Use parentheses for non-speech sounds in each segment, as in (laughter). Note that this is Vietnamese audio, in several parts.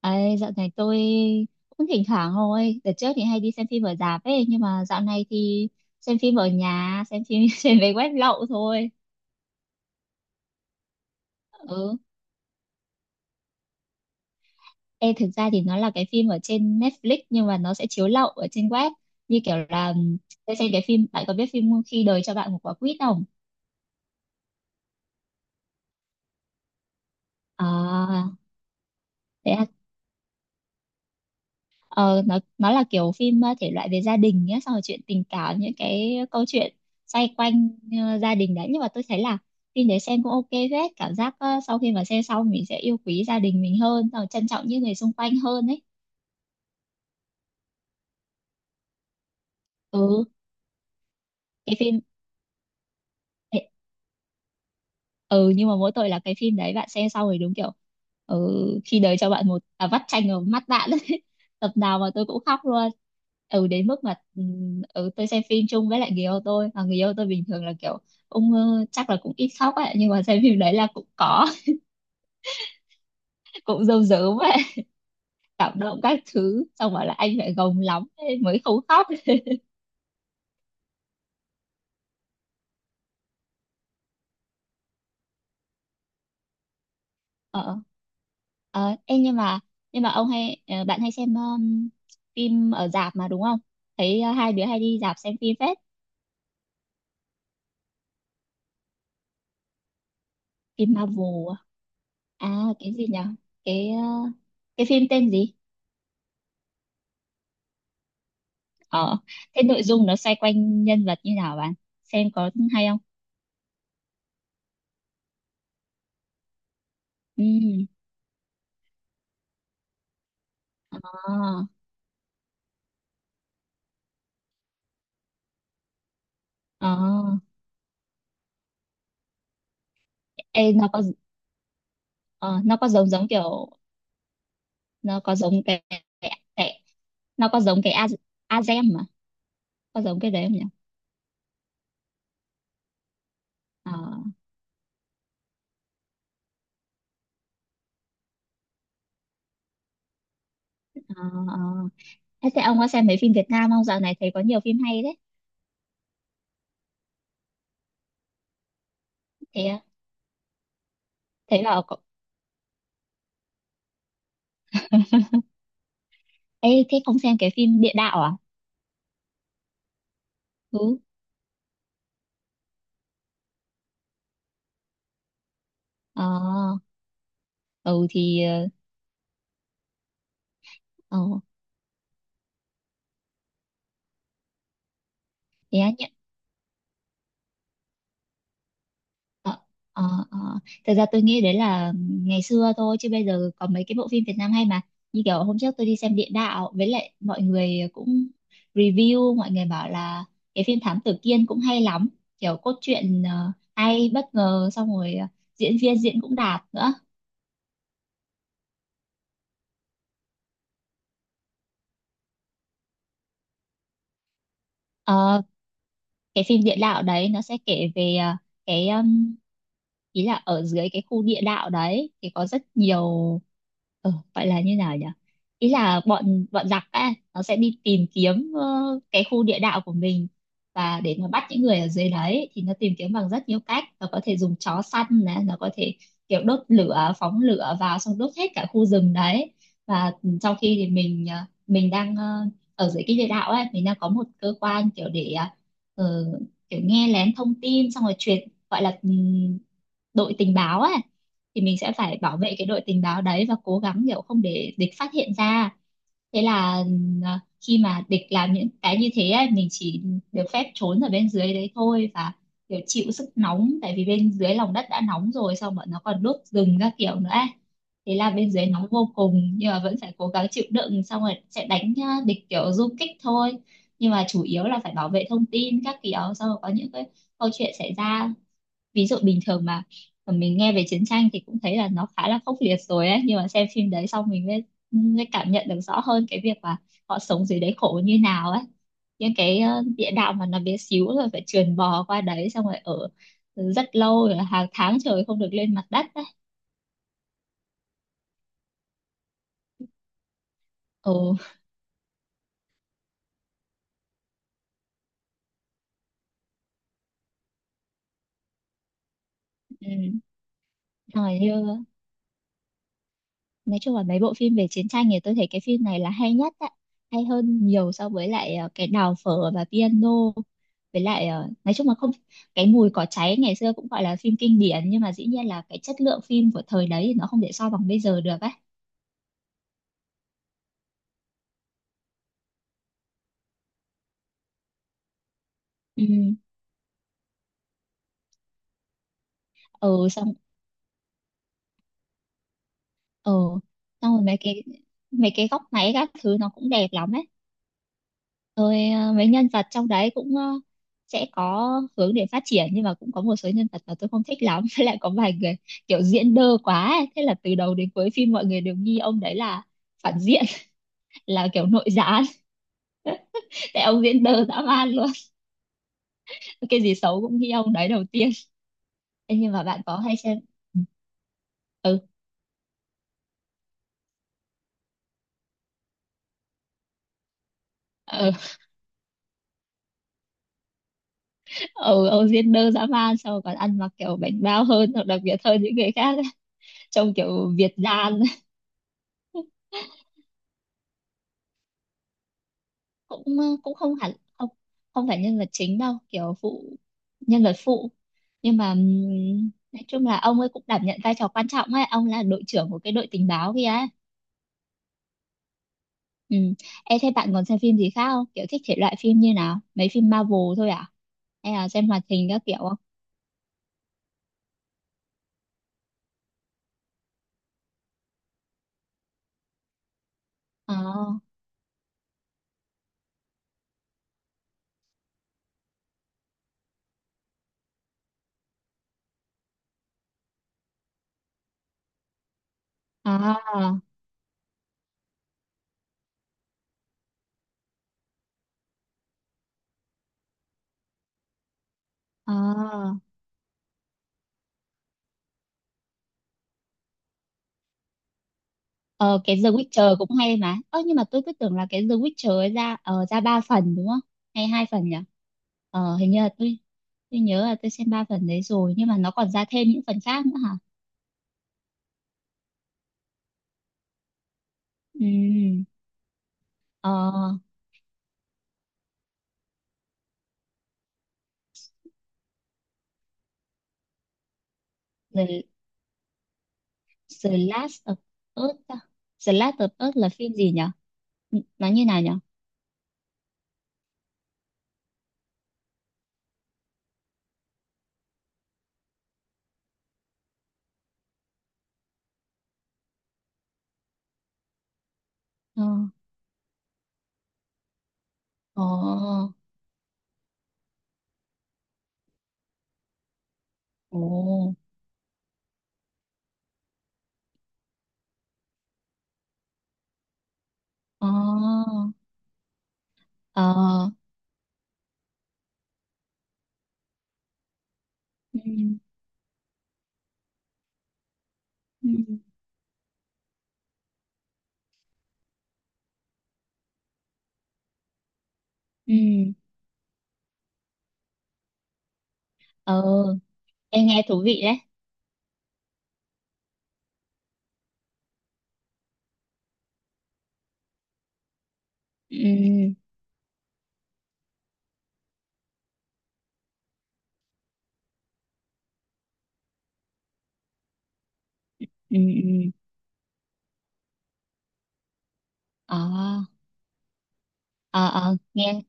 Ấy, dạo này tôi cũng thỉnh thoảng thôi. Đợt trước thì hay đi xem phim ở rạp ấy, nhưng mà dạo này thì xem phim ở nhà, xem phim (laughs) trên về web lậu thôi. Ừ. Ê, thực ra thì nó là cái phim ở trên Netflix nhưng mà nó sẽ chiếu lậu ở trên web. Như kiểu là tôi xem cái phim, bạn có biết phim Khi đời cho bạn một quả quýt không? À, thế à? Ờ, nó là kiểu phim thể loại về gia đình nhé, xong rồi chuyện tình cảm, những cái câu chuyện xoay quanh gia đình đấy, nhưng mà tôi thấy là phim đấy xem cũng OK phết. Cảm giác sau khi mà xem xong mình sẽ yêu quý gia đình mình hơn, xong rồi trân trọng những người xung quanh hơn ấy. Ừ, cái phim, ừ, nhưng mà mỗi tội là cái phim đấy bạn xem xong rồi đúng kiểu ừ, khi đời cho bạn một vắt chanh vào mắt bạn ấy. (laughs) Tập nào mà tôi cũng khóc luôn. Ừ, đến mức mà tôi xem phim chung với lại người yêu tôi và người yêu tôi bình thường là kiểu ông chắc là cũng ít khóc ấy, nhưng mà xem phim đấy là cũng có. (laughs) Cũng rơm rớm ấy, cảm động các thứ, xong bảo là anh phải gồng lắm ấy mới không khóc. (laughs) ờ Ê, nhưng mà bạn hay xem phim ở rạp mà đúng không? Thấy hai đứa hay đi rạp xem phim phết. Phim Marvel à? À, cái gì nhỉ? Cái ờ, cái phim tên gì? Ờ, thế nội dung nó xoay quanh nhân vật như nào, bạn xem có hay không? Ừ. Ờ. Ờ. Ê, nó có giống giống kiểu, nó có giống cái, nó có giống cái Azem mà, có giống cái đấy không nhỉ? Ờ. Ờ. Ờ. thế thế ông có xem mấy phim Việt Nam không? Dạo này thấy có nhiều phim hay đấy. Thế à? Thế là có- Ê, thế không xem cái phim địa đạo à? Ừ. Ờ. Ừ, thì ờ, ờ, thế á, nhận. Ờ, ờ, ờ. Thật ra tôi nghĩ đấy là ngày xưa thôi, chứ bây giờ có mấy cái bộ phim Việt Nam hay mà. Như kiểu hôm trước tôi đi xem Địa Đạo, với lại mọi người cũng review, mọi người bảo là cái phim Thám Tử Kiên cũng hay lắm, kiểu cốt truyện hay bất ngờ, xong rồi diễn viên diễn cũng đạt nữa. Ờ, cái phim địa đạo đấy nó sẽ kể về cái ý là ở dưới cái khu địa đạo đấy thì có rất nhiều. Ừ, gọi là như nào nhỉ? Ý là bọn bọn giặc ấy nó sẽ đi tìm kiếm cái khu địa đạo của mình, và để mà bắt những người ở dưới đấy thì nó tìm kiếm bằng rất nhiều cách. Nó có thể dùng chó săn này, nó có thể kiểu đốt lửa, phóng lửa vào, xong đốt hết cả khu rừng đấy. Và trong khi thì mình đang ở dưới cái địa đạo ấy, mình đang có một cơ quan kiểu để ờ, kiểu nghe lén thông tin, xong rồi truyền, gọi là đội tình báo ấy. Thì mình sẽ phải bảo vệ cái đội tình báo đấy và cố gắng kiểu không để địch phát hiện ra. Thế là khi mà địch làm những cái như thế ấy, mình chỉ được phép trốn ở bên dưới đấy thôi, và kiểu chịu sức nóng tại vì bên dưới lòng đất đã nóng rồi, xong bọn nó còn đốt rừng các kiểu nữa ấy. Thế là bên dưới nóng vô cùng, nhưng mà vẫn phải cố gắng chịu đựng, xong rồi sẽ đánh địch kiểu du kích thôi. Nhưng mà chủ yếu là phải bảo vệ thông tin các kiểu, xong rồi có những cái câu chuyện xảy ra. Ví dụ bình thường mà mình nghe về chiến tranh thì cũng thấy là nó khá là khốc liệt rồi ấy, nhưng mà xem phim đấy xong mình mới cảm nhận được rõ hơn cái việc là họ sống dưới đấy khổ như nào ấy. Những cái địa đạo mà nó bé xíu, rồi phải trườn bò qua đấy, xong rồi ở rất lâu, rồi hàng tháng trời không được lên mặt đất ấy. Ừ. Ừ. Rồi, như nói chung là mấy bộ phim về chiến tranh thì tôi thấy cái phim này là hay nhất ạ, hay hơn nhiều so với lại cái Đào phở và piano, với lại nói chung là không. Cái Mùi cỏ cháy ngày xưa cũng gọi là phim kinh điển, nhưng mà dĩ nhiên là cái chất lượng phim của thời đấy thì nó không thể so bằng bây giờ được ấy. Ừ. Ừ, xong. Ừ, xong rồi mấy cái góc máy các thứ nó cũng đẹp lắm ấy. Rồi mấy nhân vật trong đấy cũng sẽ có hướng để phát triển, nhưng mà cũng có một số nhân vật mà tôi không thích lắm. (laughs) Với lại có vài người kiểu diễn đơ quá ấy. Thế là từ đầu đến cuối phim mọi người đều nghi ông đấy là phản diện, (laughs) là kiểu nội gián. (laughs) Tại ông diễn đơ dã man luôn. (laughs) Cái gì xấu cũng nghi ông đấy đầu tiên. (laughs) Thế nhưng mà bạn có hay xem. Ừ. Ừ. Ừ, ông diễn đơ dã man, xong rồi còn ăn mặc kiểu bảnh bao hơn hoặc đặc biệt hơn những người khác ấy. Trông kiểu Việt gian. (laughs) Cũng cũng không hẳn. Không, không phải nhân vật chính đâu, kiểu phụ, nhân vật phụ, nhưng mà nói chung là ông ấy cũng đảm nhận vai trò quan trọng ấy, ông là đội trưởng của cái đội tình báo kia ấy. Ừ. Ê, thế bạn còn xem phim gì khác không, kiểu thích thể loại phim như nào? Mấy phim Marvel thôi à, hay là xem hoạt hình các kiểu không? À. À. À. Ờ, cái The Witcher cũng hay mà. Ơ, nhưng mà tôi cứ tưởng là cái The Witcher ấy ra ra ba phần đúng không? Hay hai phần nhỉ? Ờ, hình như là tôi nhớ là tôi xem 3 phần đấy rồi, nhưng mà nó còn ra thêm những phần khác nữa hả? Ừ. Ờ, The, The Last of Us. À? The Last of Us là phim gì nhỉ? N- Nó như nào nhỉ? Ờ. Ồ. Ồ. Ờ. Ờ. Ừ. Ừ. Ừ. Ờ. Em nghe thú vị đấy. Ừ. Ừ. Ừ. Ờ. Ờ. Ờ, nghe,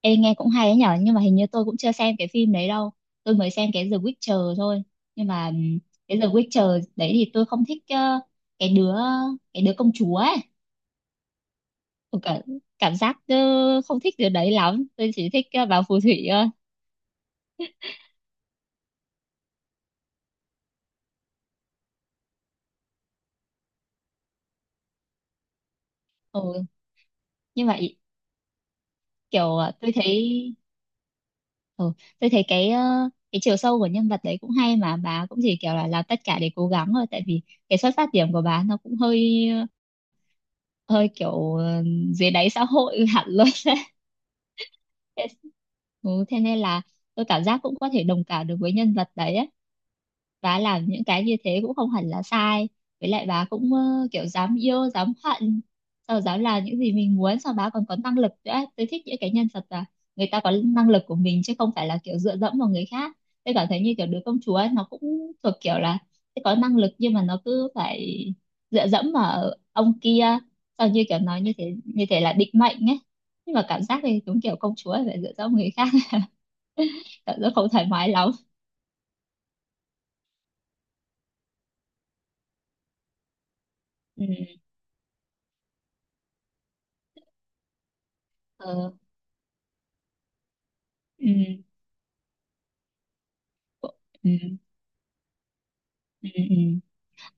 ê, nghe cũng hay đấy nhở, nhưng mà hình như tôi cũng chưa xem cái phim đấy đâu. Tôi mới xem cái The Witcher thôi. Nhưng mà cái The Witcher đấy thì tôi không thích cái đứa cái đứa công chúa ấy. Tôi cảm giác không thích đứa đấy lắm. Tôi chỉ thích bà phù thủy thôi. Ừ. Nhưng mà ý- Kiểu ừ, tôi thấy cái chiều sâu của nhân vật đấy cũng hay mà. Bà cũng chỉ kiểu là làm tất cả để cố gắng thôi, tại vì cái xuất phát điểm của bà nó cũng hơi, hơi kiểu dưới đáy xã hội (laughs) hẳn luôn. thế, thế nên là tôi cảm giác cũng có thể đồng cảm được với nhân vật đấy ấy. Bà làm những cái như thế cũng không hẳn là sai. Với lại bà cũng kiểu dám yêu dám hận, sau dám làm những gì mình muốn, sau bà còn có năng lực nữa. Tôi thích những cái nhân vật là người ta có năng lực của mình chứ không phải là kiểu dựa dẫm vào người khác. Tôi cảm thấy như kiểu đứa công chúa ấy, nó cũng thuộc kiểu là sẽ có năng lực nhưng mà nó cứ phải dựa dẫm vào ông kia, sau như kiểu nói như thế là định mệnh ấy, nhưng mà cảm giác thì đúng kiểu công chúa phải dựa dẫm vào người khác. (laughs) Cảm giác không thoải mái lắm. Ừ. Ờ. Ừ. Ừ. Ừ, ừ. Ừ.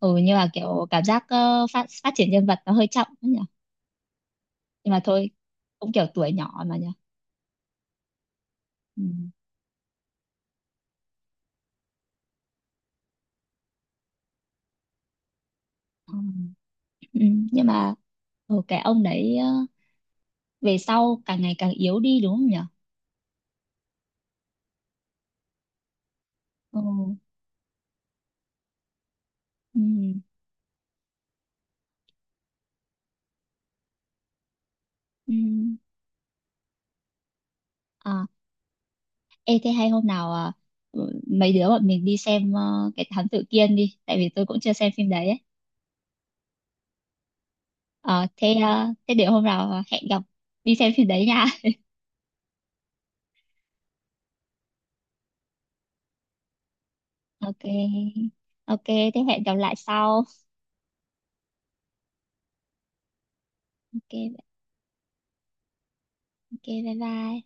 Ừ, nhưng mà kiểu cảm giác phát phát triển nhân vật nó hơi chậm ấy nhỉ. Nhưng mà thôi, cũng kiểu tuổi nhỏ mà nhỉ. Ừ. Ừ. Ừ, nhưng mà ừ, cái ông đấy về sau càng ngày càng yếu đi đúng không nhỉ? Ừ. Ừ. Ừ. À, ê thế hay hôm nào mấy đứa bọn mình đi xem cái Thám Tử Kiên đi, tại vì tôi cũng chưa xem phim đấy ấy. Ờ, thế để hôm nào hẹn gặp đi xem phim đấy nha. (laughs) OK. OK, thế hẹn gặp lại sau. OK. OK, bye bye.